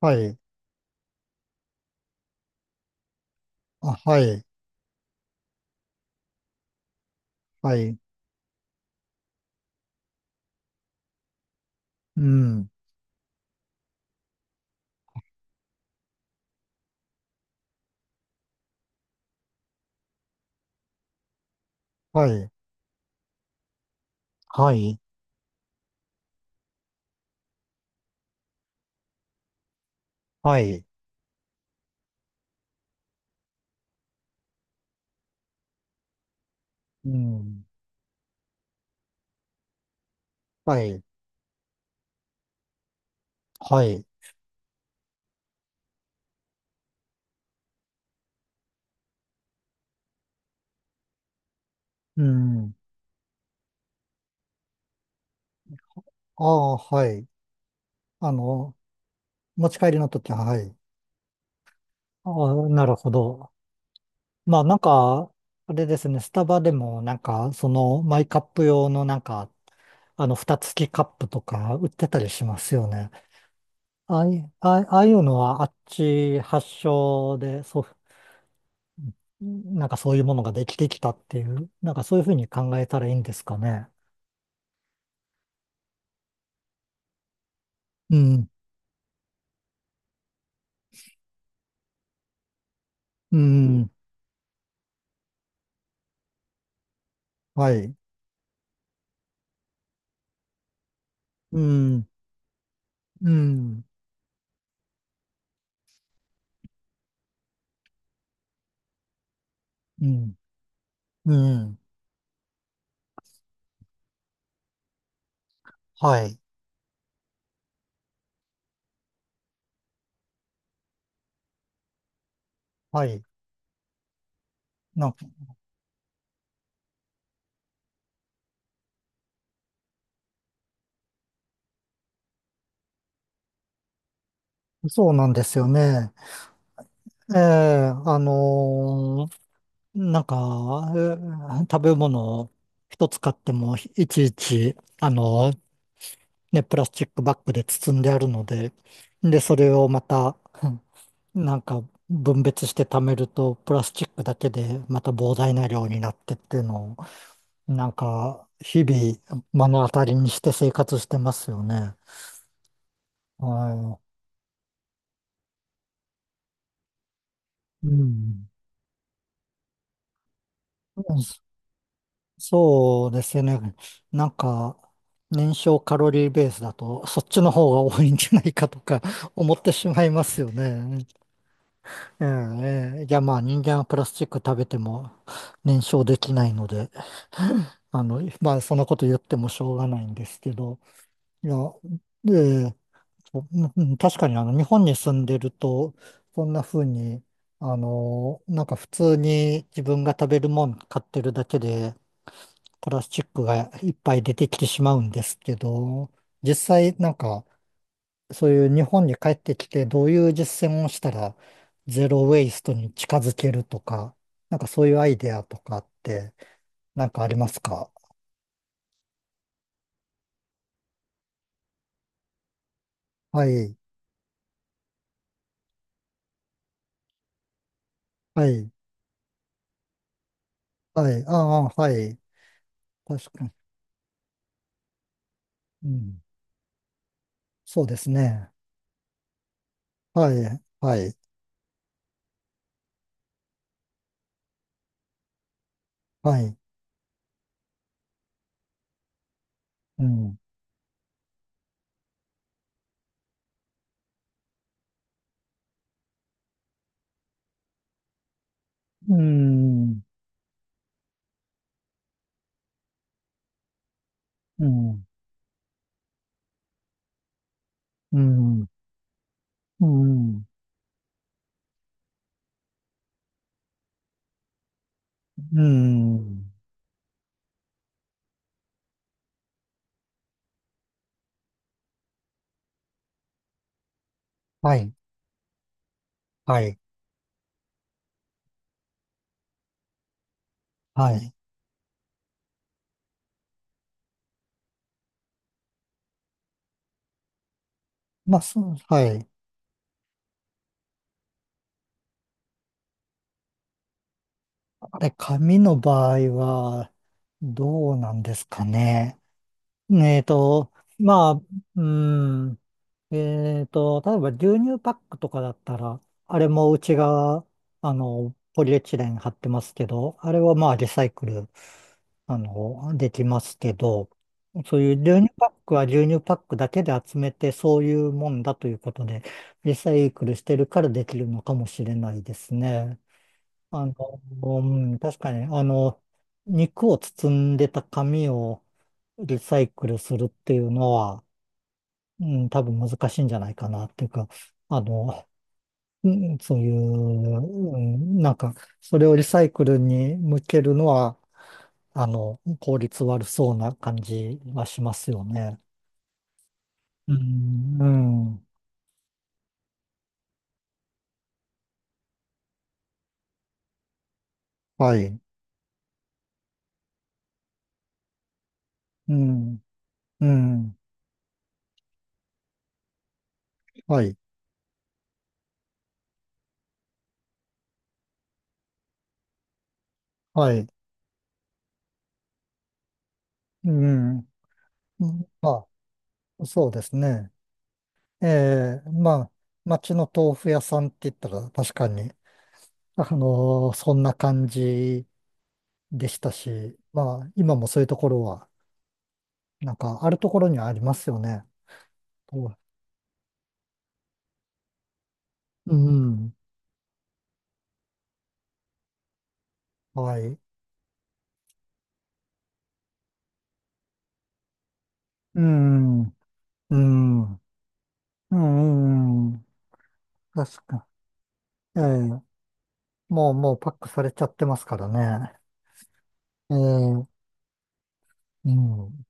はい。あ、はい。はい。うん。はい。はい。はい。うん。はい。はい。うん。ああ、はい。あの、持ち帰りの時は、はい。ああ、なるほど。まあ、なんか、あれですね。スタバでも、マイカップ用の、蓋付きカップとか売ってたりしますよね。ああい、ああああいうのは、あっち発祥で、なんかそういうものができてきたっていう、なんかそういうふうに考えたらいいんですかね。うん、うん、はい、うん、うん、うん、うん、はい、はい。なんか、そうなんですよね。ええ、あのーなんか、食べ物を一つ買っても、いちいち、ね、プラスチックバッグで包んであるので、で、それをまた、なんか分別して貯めると、プラスチックだけでまた膨大な量になってっていうのを、なんか日々目の当たりにして生活してますよね。はい。うん。うんそそうですよね。なんか、燃焼カロリーベースだと、そっちの方が多いんじゃないかとか 思ってしまいますよね。ええ、ええ、いや、まあ人間はプラスチック食べても燃焼できないので、あの、まあそんなこと言ってもしょうがないんですけど、いや、ええ、そう、確かにあの日本に住んでると、そんな風に、あの、なんか普通に自分が食べるもん買ってるだけで、プラスチックがいっぱい出てきてしまうんですけど、実際なんか、そういう日本に帰ってきて、どういう実践をしたら、ゼロウェイストに近づけるとか、なんかそういうアイデアとかって、なんかありますか？はい、はい、はい、ああ、はい、確かに。そうですね。はい、はい、はい。うん、うん、うん、うん、うん、うん。はい、はい、はい。まあ、そう、はい。あれ、紙の場合は、どうなんですかね。えっと、まあ、うん、えっと、例えば牛乳パックとかだったら、あれもうちが、あの、ポリエチレン貼ってますけど、あれはまあリサイクル、あの、できますけど、そういう牛乳パックは牛乳パックだけで集めて、そういうもんだということで、リサイクルしてるからできるのかもしれないですね。あの、うん、確かに、あの、肉を包んでた紙をリサイクルするっていうのは、うん、多分難しいんじゃないかなっていうか、あの、うんそういう、うん、なんか、それをリサイクルに向けるのは、あの、効率悪そうな感じはしますよね。うん、うん、はい、うん、うん、はい、はい、うん、うんまあ、そうですね。ええ、まあ、町の豆腐屋さんって言ったら確かに、あの、そんな感じでしたし、まあ、今もそういうところは、なんか、あるところにはありますよね。とうん。はい。うん。うん。うん。うん確か。ええ。もう、もうパックされちゃってますからね。ええ。うん。う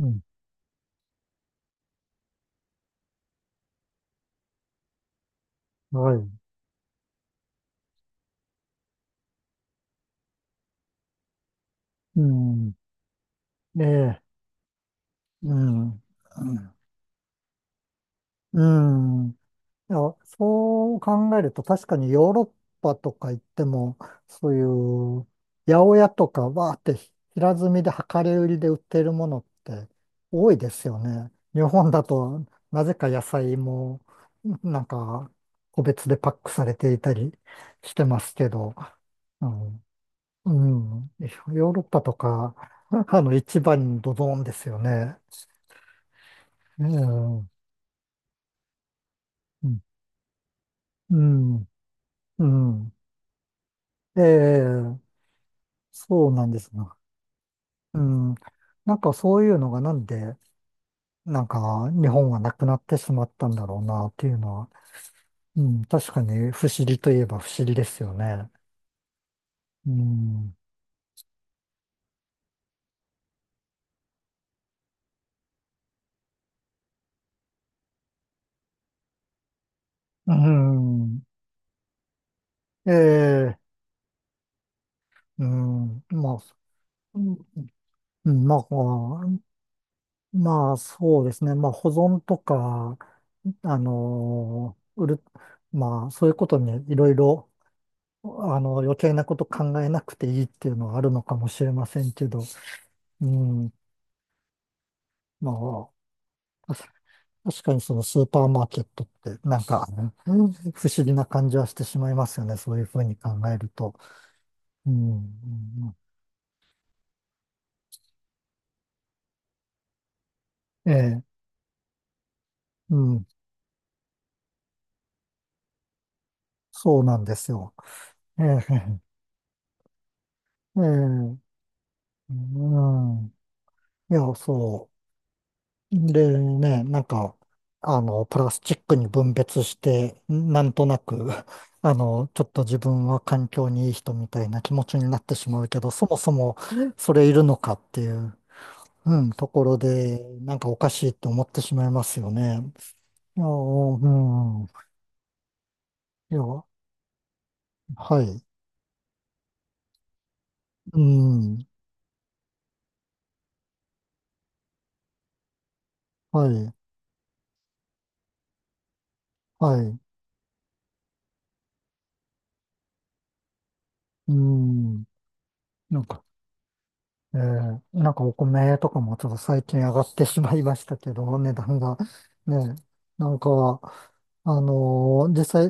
ん。はい。うん。ええ。うん。うん。うん、いや、そう考えると確かにヨーロッパとか行っても、そういう八百屋とかわーって平積みで量り売りで売ってるものって多いですよね。日本だとなぜか野菜もなんか個別でパックされていたりしてますけど、うん、うん、ヨーロッパとか、あの市場にドドンですよね。うん、うん、うん。うんええ、そうなんですが。うん。なんかそういうのがなんで、なんか日本はなくなってしまったんだろうなっていうのは、うん、確かに不思議といえば不思議ですよね。うん。うん。ええ、うん。まあ、うんうんまあ、こまあ、そうですね。まあ、保存とか、あの、売る、まあ、そういうことにいろいろ、あの、余計なこと考えなくていいっていうのはあるのかもしれませんけど、うん。まあ、確確かにそのスーパーマーケットってなんか、うん不思議な感じはしてしまいますよね。そういうふうに考えると。うん。うんええ、うん。そうなんですよ。ええ、ええ、うん。いや、そう。でね、なんか、あの、プラスチックに分別して、なんとなく、あの、ちょっと自分は環境にいい人みたいな気持ちになってしまうけど、そもそもそれいるのかっていう。うん、ところで、なんかおかしいって思ってしまいますよね。いや、うん、いや、はい、うん、はい、はい、うん、なんか、えー、なんかお米とかもちょっと最近上がってしまいましたけど、値段が。ね、なんか、実際、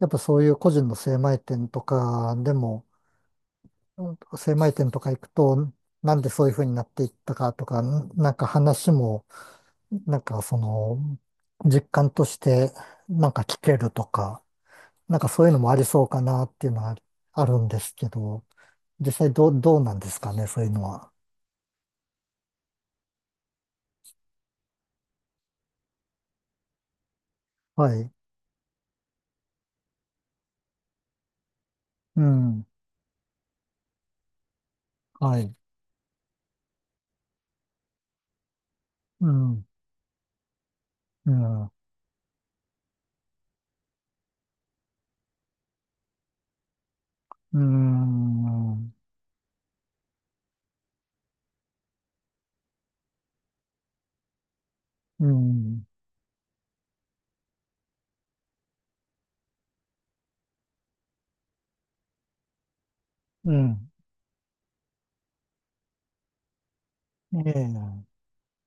やっぱそういう個人の精米店とかでも、うん精米店とか行くと、なんでそういうふうになっていったかとか、なんか話も、なんかその、実感としてなんか聞けるとか、なんかそういうのもありそうかなっていうのはあるんですけど、実際どう、どうなんですかね、そういうのは。はい。うん。はい。うん。うん。うん。うん。うん。ええ。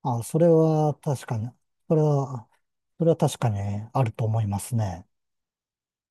あ、それは確かに、それは、それは確かにあると思いますね。